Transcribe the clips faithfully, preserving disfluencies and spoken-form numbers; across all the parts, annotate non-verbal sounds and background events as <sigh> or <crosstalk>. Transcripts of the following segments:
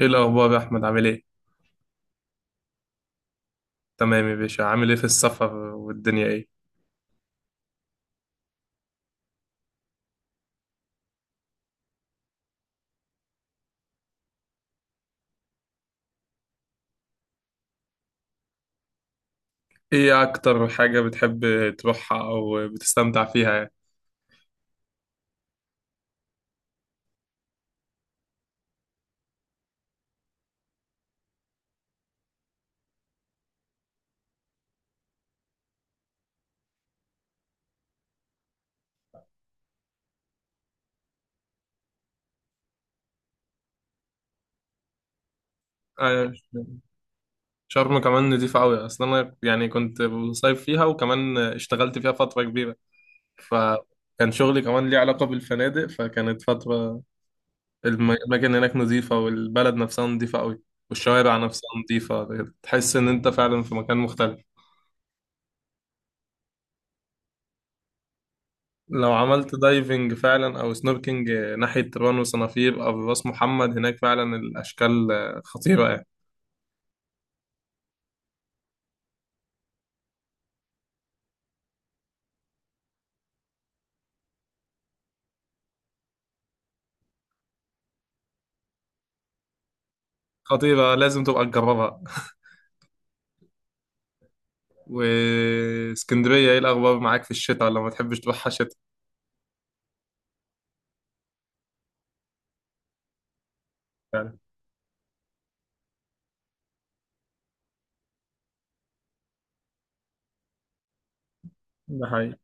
ايه الاخبار يا احمد عامل ايه؟ تمام يا باشا، عامل ايه في السفر والدنيا ايه؟ ايه اكتر حاجه بتحب تروحها او بتستمتع فيها يعني؟ آه، شرم كمان نضيفه قوي، اصلا انا يعني كنت بصيف فيها وكمان اشتغلت فيها فتره كبيره، فكان شغلي كمان ليه علاقه بالفنادق، فكانت فتره الم- الاماكن هناك نظيفه، والبلد نفسها نظيفه قوي، والشوارع نفسها نظيفه. تحس ان انت فعلا في مكان مختلف. لو عملت دايفنج فعلا او سنوركينج ناحية راس وصنافير او راس محمد، هناك فعلا الاشكال خطيرة يعني. خطيرة، لازم تبقى تجربها. <laughs> واسكندرية ايه الاخبار معاك في الشتاء، ولا ما تحبش تروحها شتاء؟ ده حقيقي.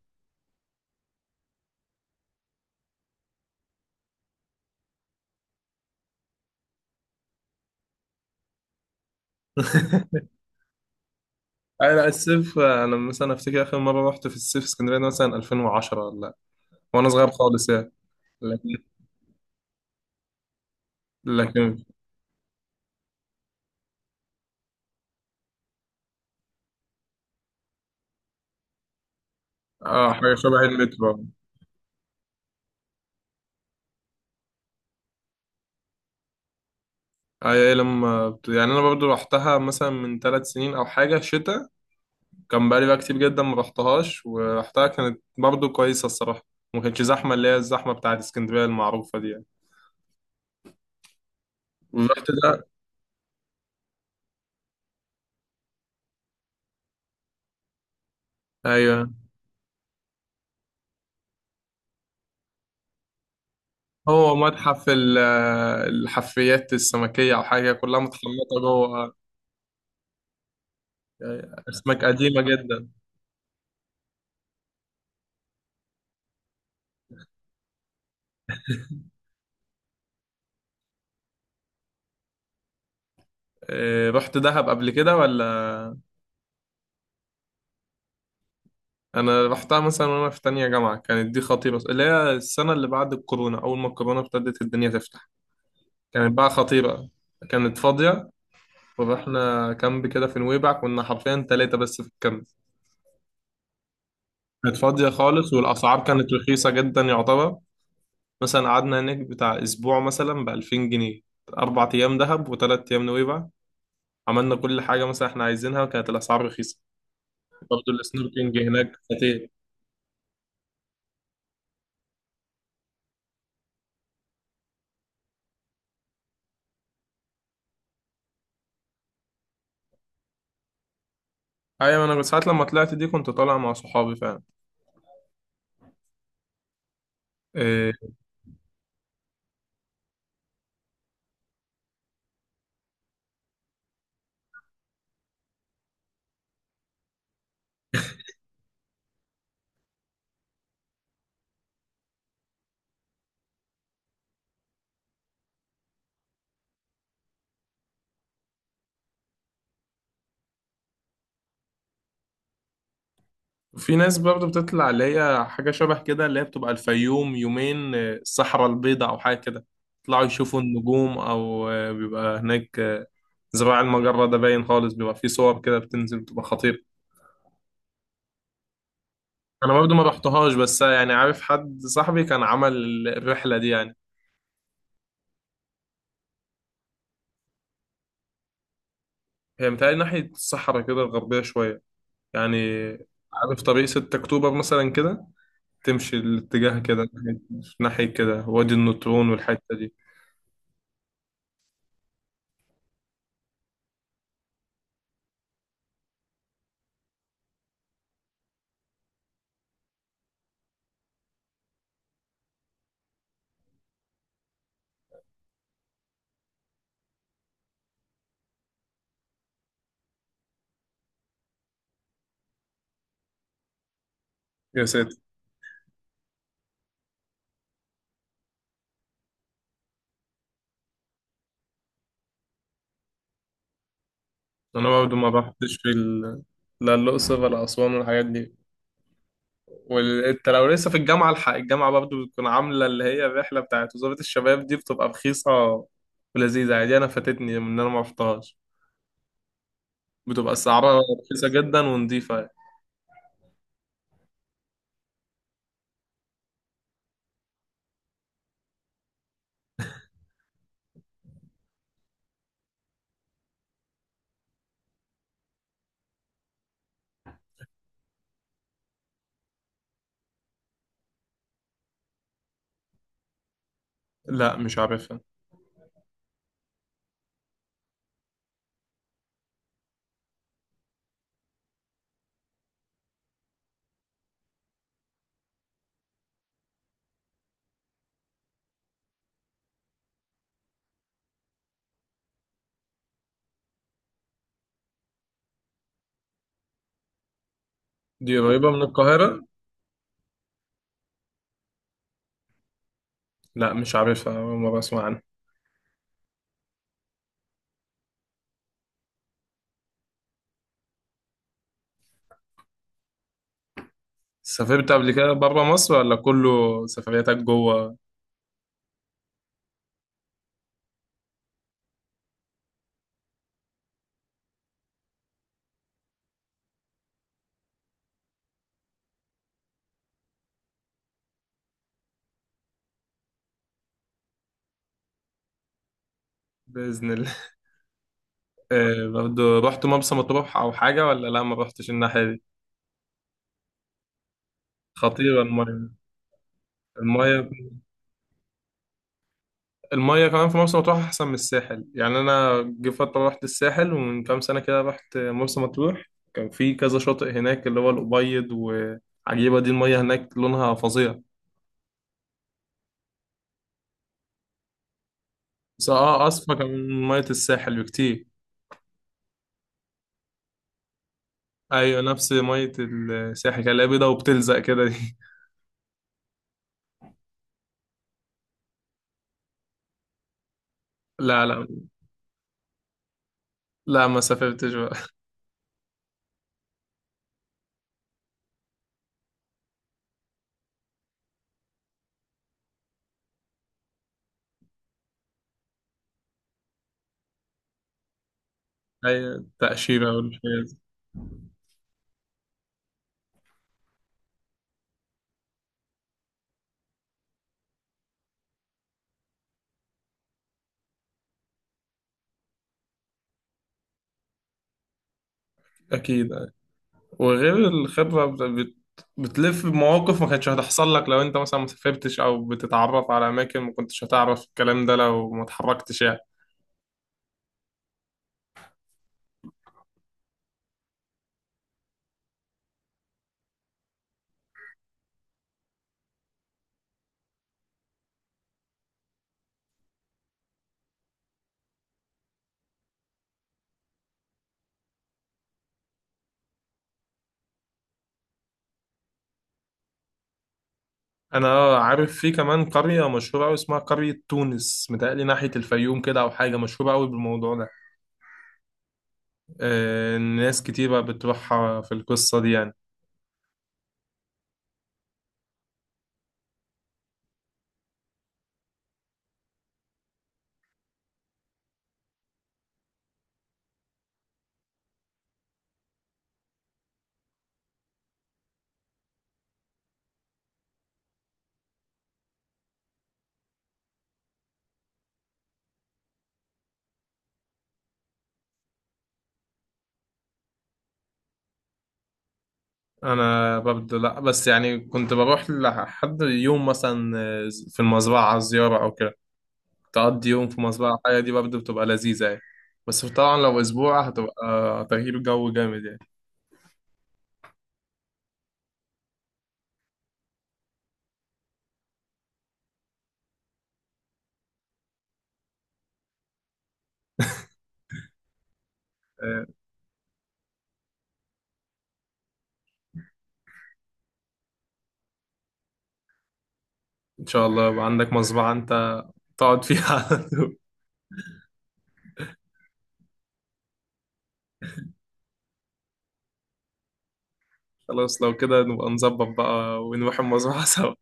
<laughs> انا الصيف، انا مثلا افتكر اخر مرة رحت في الصيف اسكندرية ده مثلا ألفين وعشرة ولا، وانا صغير خالص يعني. لكن لكن اه، حاجة شبه المترو. اي لما بت- يعني انا برضو رحتها مثلا من ثلاث سنين او حاجة شتاء، كان بقالي بقى كتير جدا ما رحتهاش، ورحتها كانت برضو كويسة الصراحة. ما كانتش زحمة اللي هي الزحمة بتاعت اسكندرية المعروفة دي يعني. ورحت ده؟ أيوه، هو متحف ال- الحفريات السمكية أو حاجة، كلها متحنطة جوه. أسماك قديمة جدا. إيه، رحت دهب قبل كده ولا؟ أنا رحتها مثلا وأنا في تانية جامعة، كانت دي خطيرة، اللي هي السنة اللي بعد الكورونا أول ما الكورونا ابتدت الدنيا تفتح. كانت بقى خطيرة، كانت فاضية. ورحنا كامب كده في نويبع، كنا حرفيا ثلاثة بس في الكامب. كانت فاضية خالص والأسعار كانت رخيصة جدا يعتبر. مثلا قعدنا هناك بتاع أسبوع مثلا بألفين جنيه. أربع أيام دهب وثلاث أيام نويبع. عملنا كل حاجة مثلا إحنا عايزينها، وكانت الأسعار رخيصة. برضه السنوركينج هناك خطير. أيوة أنا ساعات لما طلعت دي كنت طالع مع صحابي فعلا. آه، في ناس برضه بتطلع اللي هي حاجة شبه كده، اللي هي بتبقى الفيوم يومين، آه، الصحراء البيضاء أو حاجة كده، يطلعوا يشوفوا النجوم، أو آه، بيبقى هناك آه، زراع المجرة ده باين خالص، بيبقى فيه صور كده بتنزل بتبقى خطيرة. أنا برضه ما رحتهاش بس يعني عارف حد صاحبي كان عمل الرحلة دي يعني. هي متهيألي ناحية الصحراء كده الغربية شوية يعني. عارف طريق 6 أكتوبر مثلا كده، تمشي الاتجاه كده ناحية ناحية كده، وادي النطرون والحتة دي. يا ساتر. انا برضه ما بحطش في ال... لا الاقصر ولا اسوان والحاجات دي. وانت لو لسه في الجامعه، الحق الجامعه برضه بتكون عامله اللي هي الرحله بتاعت وزاره الشباب دي، بتبقى رخيصه ولذيذه عادي. انا فاتتني من إن انا ما رحتهاش. بتبقى سعرها رخيصه جدا ونضيفه يعني. لا مش عارفها. دي قريبه من القاهره؟ لا مش عارفها، أول مره اسمع عنها. سافرت قبل كده بره مصر ولا كله سفرياتك جوه؟ باذن الله. <laughs> آه، برضه رحت مرسى مطروح او حاجه ولا لا، ما رحتش الناحيه دي؟ خطيره الميه. المية المية كمان في مرسى مطروح أحسن من الساحل يعني. أنا جه فترة رحت الساحل، ومن كام سنة كده رحت مرسى مطروح. كان في كذا شاطئ هناك اللي هو الأبيض وعجيبة دي، المية هناك لونها فظيع. بس اه، أصفى كان من مية الساحل بكتير. أيوة نفس مية الساحل كان لا، بيضة وبتلزق كده دي. <laughs> لا لا، لا ما سافرتش بقى. أي تأشيرة والحاجات دي. أكيد. وغير الخبرة بت... بت- بتلف بمواقف ما كانتش هتحصل لك لو انت مثلا ما سافرتش، او بتتعرف على اماكن ما كنتش هتعرف الكلام ده لو ما اتحركتش يعني. انا آه، عارف في كمان قرية مشهورة قوي اسمها قرية تونس، متهيألي ناحية الفيوم كده او حاجة، مشهورة قوي بالموضوع ده. آه، ناس كتيرة بتروحها في القصة دي يعني. انا ببدو لا، بس يعني كنت بروح لحد يوم مثلا آه، في المزرعة زيارة او كده، تقضي يوم في مزرعة حية، دي برضه بتبقى لذيذة يعني. بس طبعا لو أسبوع هتبقى تغيير جو جامد يعني. آه، إن شاء الله يبقى عندك مزرعة أنت تقعد فيها <laughs> على طول. خلاص لو كده نبقى نظبط بقى ونروح المزرعة سوا.